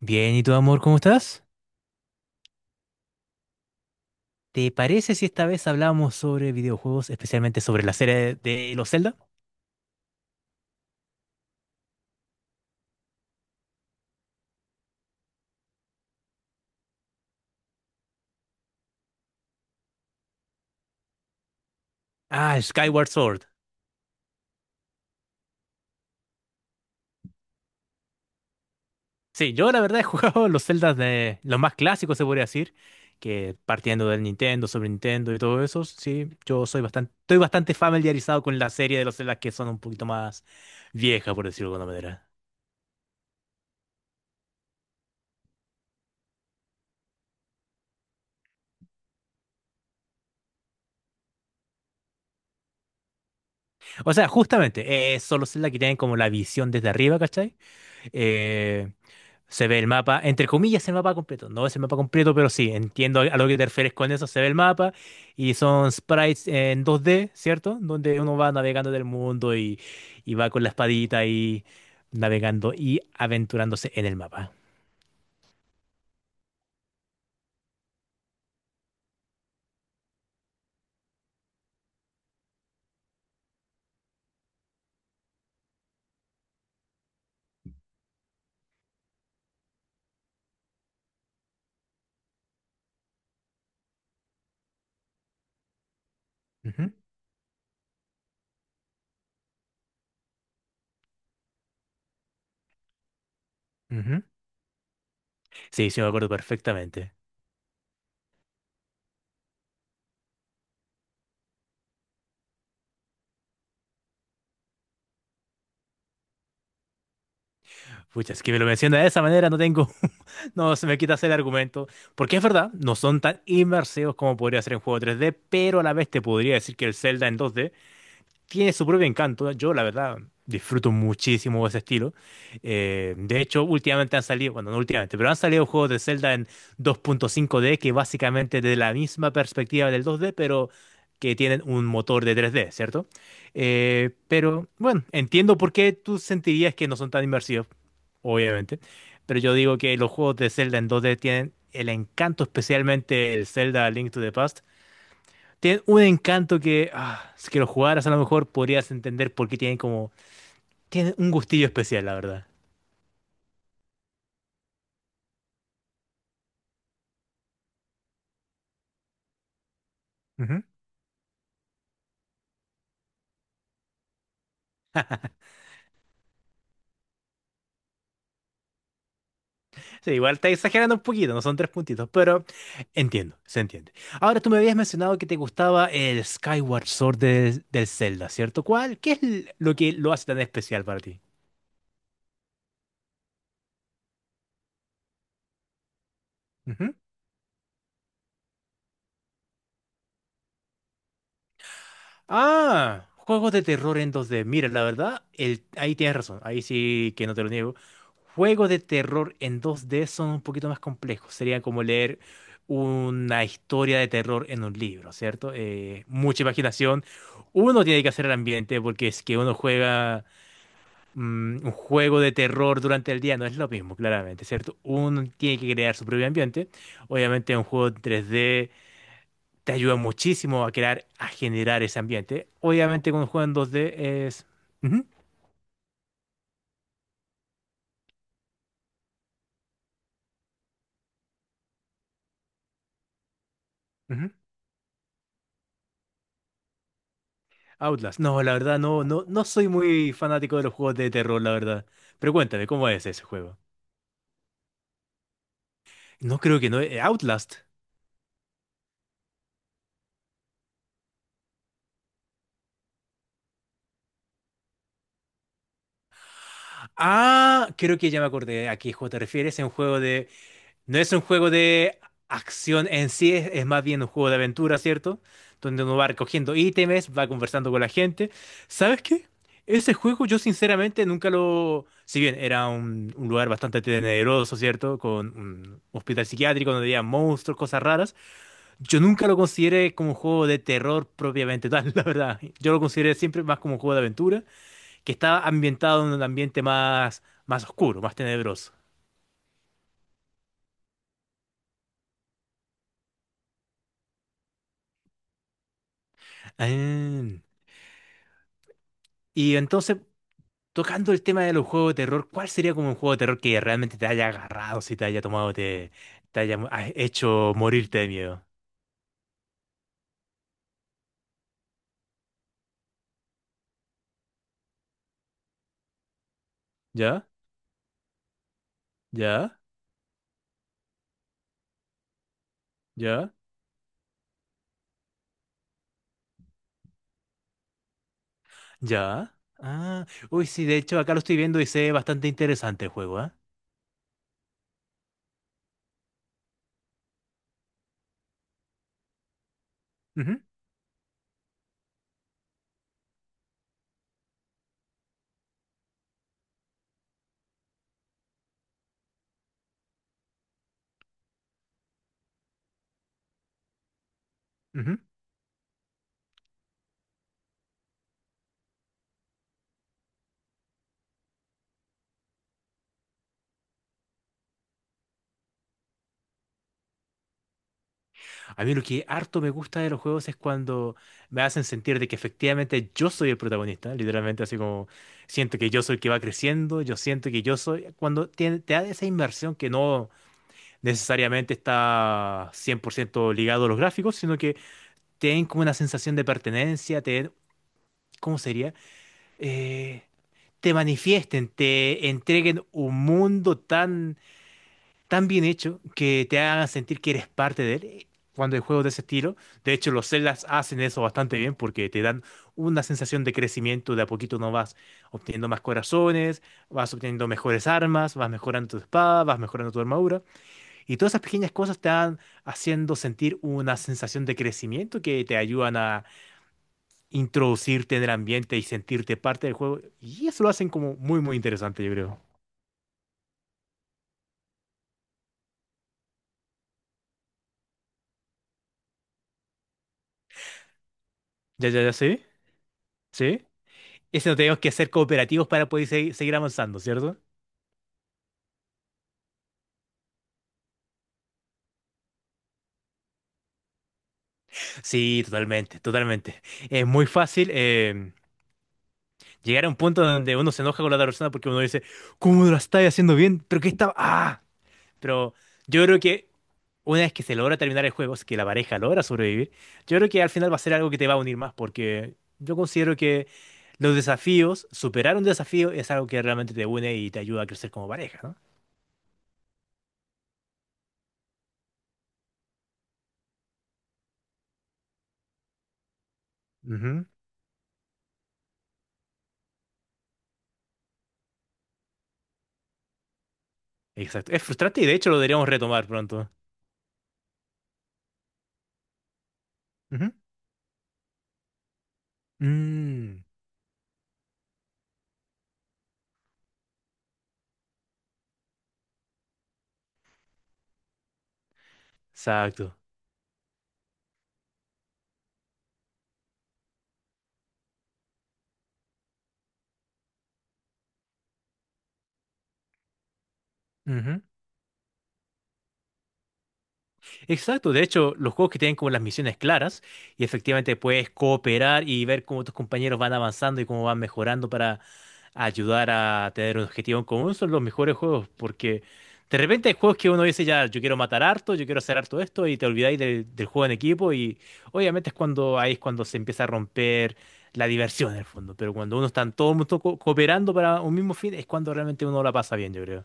Bien, ¿y tu amor, cómo estás? ¿Te parece si esta vez hablamos sobre videojuegos, especialmente sobre la serie de los Zelda? Ah, Skyward Sword. Sí, yo la verdad he jugado los Zeldas de los más clásicos, se podría decir, que partiendo del Nintendo, sobre Nintendo y todo eso, sí, estoy bastante familiarizado con la serie de los Zeldas que son un poquito más viejas, por decirlo de alguna manera. O sea, justamente, son los Zelda que tienen como la visión desde arriba, ¿cachai? Eh, Se ve el mapa, entre comillas, el mapa completo. No es el mapa completo, pero sí, entiendo a lo que te refieres con eso. Se ve el mapa y son sprites en 2D, ¿cierto? Donde uno va navegando del mundo y va con la espadita y navegando y aventurándose en el mapa. Ujú, ujú. Sí, sí, me acuerdo perfectamente. Pucha, es que me lo menciona de esa manera, no tengo, no se me quita hacer el argumento. Porque es verdad, no son tan inmersivos como podría ser en juego 3D, pero a la vez te podría decir que el Zelda en 2D tiene su propio encanto. Yo, la verdad, disfruto muchísimo ese estilo. De hecho, últimamente han salido, bueno, no últimamente, pero han salido juegos de Zelda en 2.5D que básicamente de la misma perspectiva del 2D pero que tienen un motor de 3D, ¿cierto? Pero bueno, entiendo por qué tú sentirías que no son tan inmersivos, obviamente, pero yo digo que los juegos de Zelda en 2D tienen el encanto, especialmente el Zelda Link to the Past tiene un encanto que, ah, si que lo jugaras a lo mejor podrías entender por qué tienen un gustillo especial, la verdad. Ujú. Sí, igual está exagerando un poquito, no son tres puntitos, pero entiendo, se entiende. Ahora tú me habías mencionado que te gustaba el Skyward Sword del Zelda, ¿cierto? ¿Cuál? ¿Qué es lo que lo hace tan especial para ti? Ah, juegos de terror en 2D. Mira, la verdad, ahí tienes razón. Ahí sí que no te lo niego. Juegos de terror en 2D son un poquito más complejos. Sería como leer una historia de terror en un libro, ¿cierto? Mucha imaginación. Uno tiene que hacer el ambiente porque es que uno juega un juego de terror durante el día, no es lo mismo, claramente, ¿cierto? Uno tiene que crear su propio ambiente. Obviamente un juego en 3D te ayuda muchísimo a crear, a generar ese ambiente. Obviamente con un juego en 2D es... Ujú, ujú. Outlast. No, la verdad, no, no, no soy muy fanático de los juegos de terror, la verdad. Pero cuéntame, ¿cómo es ese juego? No creo que no. Outlast. Ah, creo que ya me acordé a qué juego te refieres. Es un juego de No es un juego de acción en sí, es más bien un juego de aventura, ¿cierto? Donde uno va recogiendo ítems, va conversando con la gente. ¿Sabes qué? Ese juego yo sinceramente nunca lo... Si bien era un lugar bastante tenebroso, ¿cierto? Con un hospital psiquiátrico donde había monstruos, cosas raras. Yo nunca lo consideré como un juego de terror propiamente tal, la verdad. Yo lo consideré siempre más como un juego de aventura, que estaba ambientado en un ambiente más, más oscuro, más tenebroso. Ah, y entonces, tocando el tema de los juegos de terror, ¿cuál sería como un juego de terror que realmente te haya agarrado, si te haya tomado, te haya hecho morirte de miedo? ¿Ya? ¿Ya? ¿Ya? ¿Ya? Ah, uy, sí, de hecho acá lo estoy viendo y se ve bastante interesante el juego, ¿ah? Ujú, ujú. A mí lo que harto me gusta de los juegos es cuando me hacen sentir de que efectivamente yo soy el protagonista, literalmente así como siento que yo soy el que va creciendo, yo siento que yo soy, cuando te da esa inmersión que no... necesariamente está 100% ligado a los gráficos, sino que te den como una sensación de pertenencia, te den, ¿cómo sería? Eh, Te manifiesten, te entreguen un mundo tan, tan bien hecho que te hagan sentir que eres parte de él. Cuando hay juegos de ese estilo, de hecho los Zeldas hacen eso bastante bien porque te dan una sensación de crecimiento, de a poquito no vas obteniendo más corazones, vas obteniendo mejores armas, vas mejorando tu espada, vas mejorando tu armadura. Y todas esas pequeñas cosas te van haciendo sentir una sensación de crecimiento que te ayudan a introducirte en el ambiente y sentirte parte del juego. Y eso lo hacen como muy, muy interesante, yo creo. Ya, ya, ya, sí, sí. Eso no tenemos que ser cooperativos para poder seguir avanzando, ¿cierto? Sí, totalmente, totalmente. Es muy fácil llegar a un punto donde uno se enoja con la otra persona porque uno dice, ¿cómo lo estás haciendo bien? ¿Pero qué estaba? ¡Ah! Pero yo creo que una vez que se logra terminar el juego, si que la pareja logra sobrevivir, yo creo que al final va a ser algo que te va a unir más, porque yo considero que los desafíos, superar un desafío es algo que realmente te une y te ayuda a crecer como pareja, ¿no? Ujú, exacto. Es frustrante y de hecho lo deberíamos retomar pronto. Ujú. Mm, exacto. Ujú. Exacto, de hecho, los juegos que tienen como las misiones claras y efectivamente puedes cooperar y ver cómo tus compañeros van avanzando y cómo van mejorando para ayudar a tener un objetivo en común son los mejores juegos porque de repente hay juegos que uno dice ya, yo quiero matar harto, yo quiero hacer harto esto y te olvidáis del juego en equipo y obviamente es cuando ahí es cuando se empieza a romper la diversión en el fondo, pero cuando uno está en todo el mundo cooperando para un mismo fin es cuando realmente uno la pasa bien, yo creo.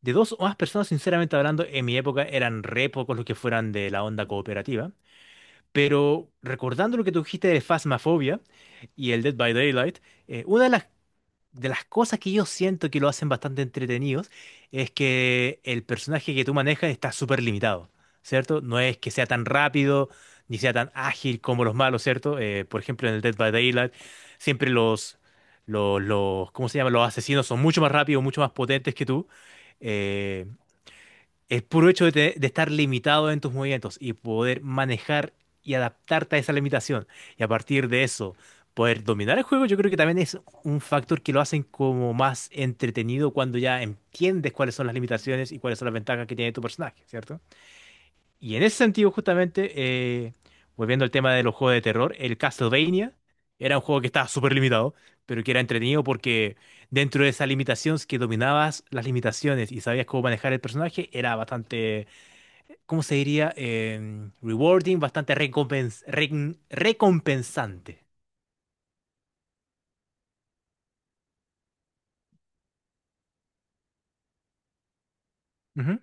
De dos o más personas, sinceramente hablando, en mi época eran re pocos los que fueran de la onda cooperativa. Pero recordando lo que tú dijiste de Phasmophobia y el Dead by Daylight, una de las cosas que yo siento que lo hacen bastante entretenidos es que el personaje que tú manejas está súper limitado, ¿cierto? No es que sea tan rápido ni sea tan ágil como los malos, ¿cierto? Por ejemplo, en el Dead by Daylight, siempre ¿cómo se llama? Los asesinos son mucho más rápidos, mucho más potentes que tú. Eh, el puro hecho de estar limitado en tus movimientos y poder manejar y adaptarte a esa limitación y a partir de eso poder dominar el juego, yo creo que también es un factor que lo hacen como más entretenido cuando ya entiendes cuáles son las limitaciones y cuáles son las ventajas que tiene tu personaje, ¿cierto? Y en ese sentido, justamente, volviendo al tema de los juegos de terror, el Castlevania era un juego que estaba súper limitado, pero que era entretenido porque dentro de esas limitaciones que dominabas las limitaciones y sabías cómo manejar el personaje, era bastante ¿cómo se diría? Rewarding, bastante recompensante. Ujú.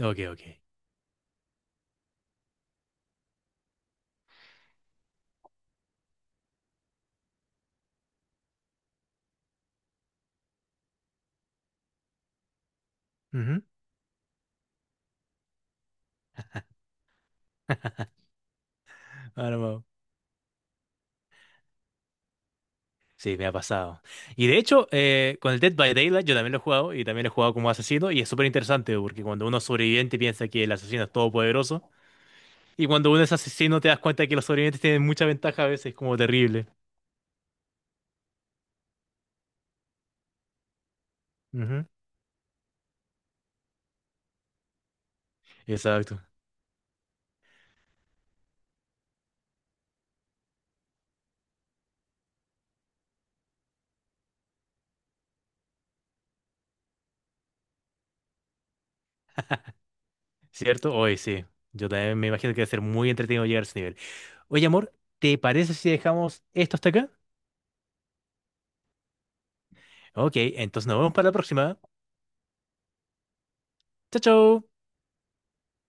Ok, ok. Ujú. Ahora vamos. Sí, me ha pasado. Y de hecho, con el Dead by Daylight yo también lo he jugado y también lo he jugado como asesino y es súper interesante porque cuando uno es sobreviviente piensa que el asesino es todopoderoso y cuando uno es asesino te das cuenta que los sobrevivientes tienen mucha ventaja a veces, como terrible. Ujú. Exacto. ¿Cierto? Oye, sí. Yo también me imagino que debe ser muy entretenido llegar a ese nivel. Oye, amor, ¿te parece si dejamos esto hasta acá? Ok, entonces nos vemos para la próxima. Chao, chao.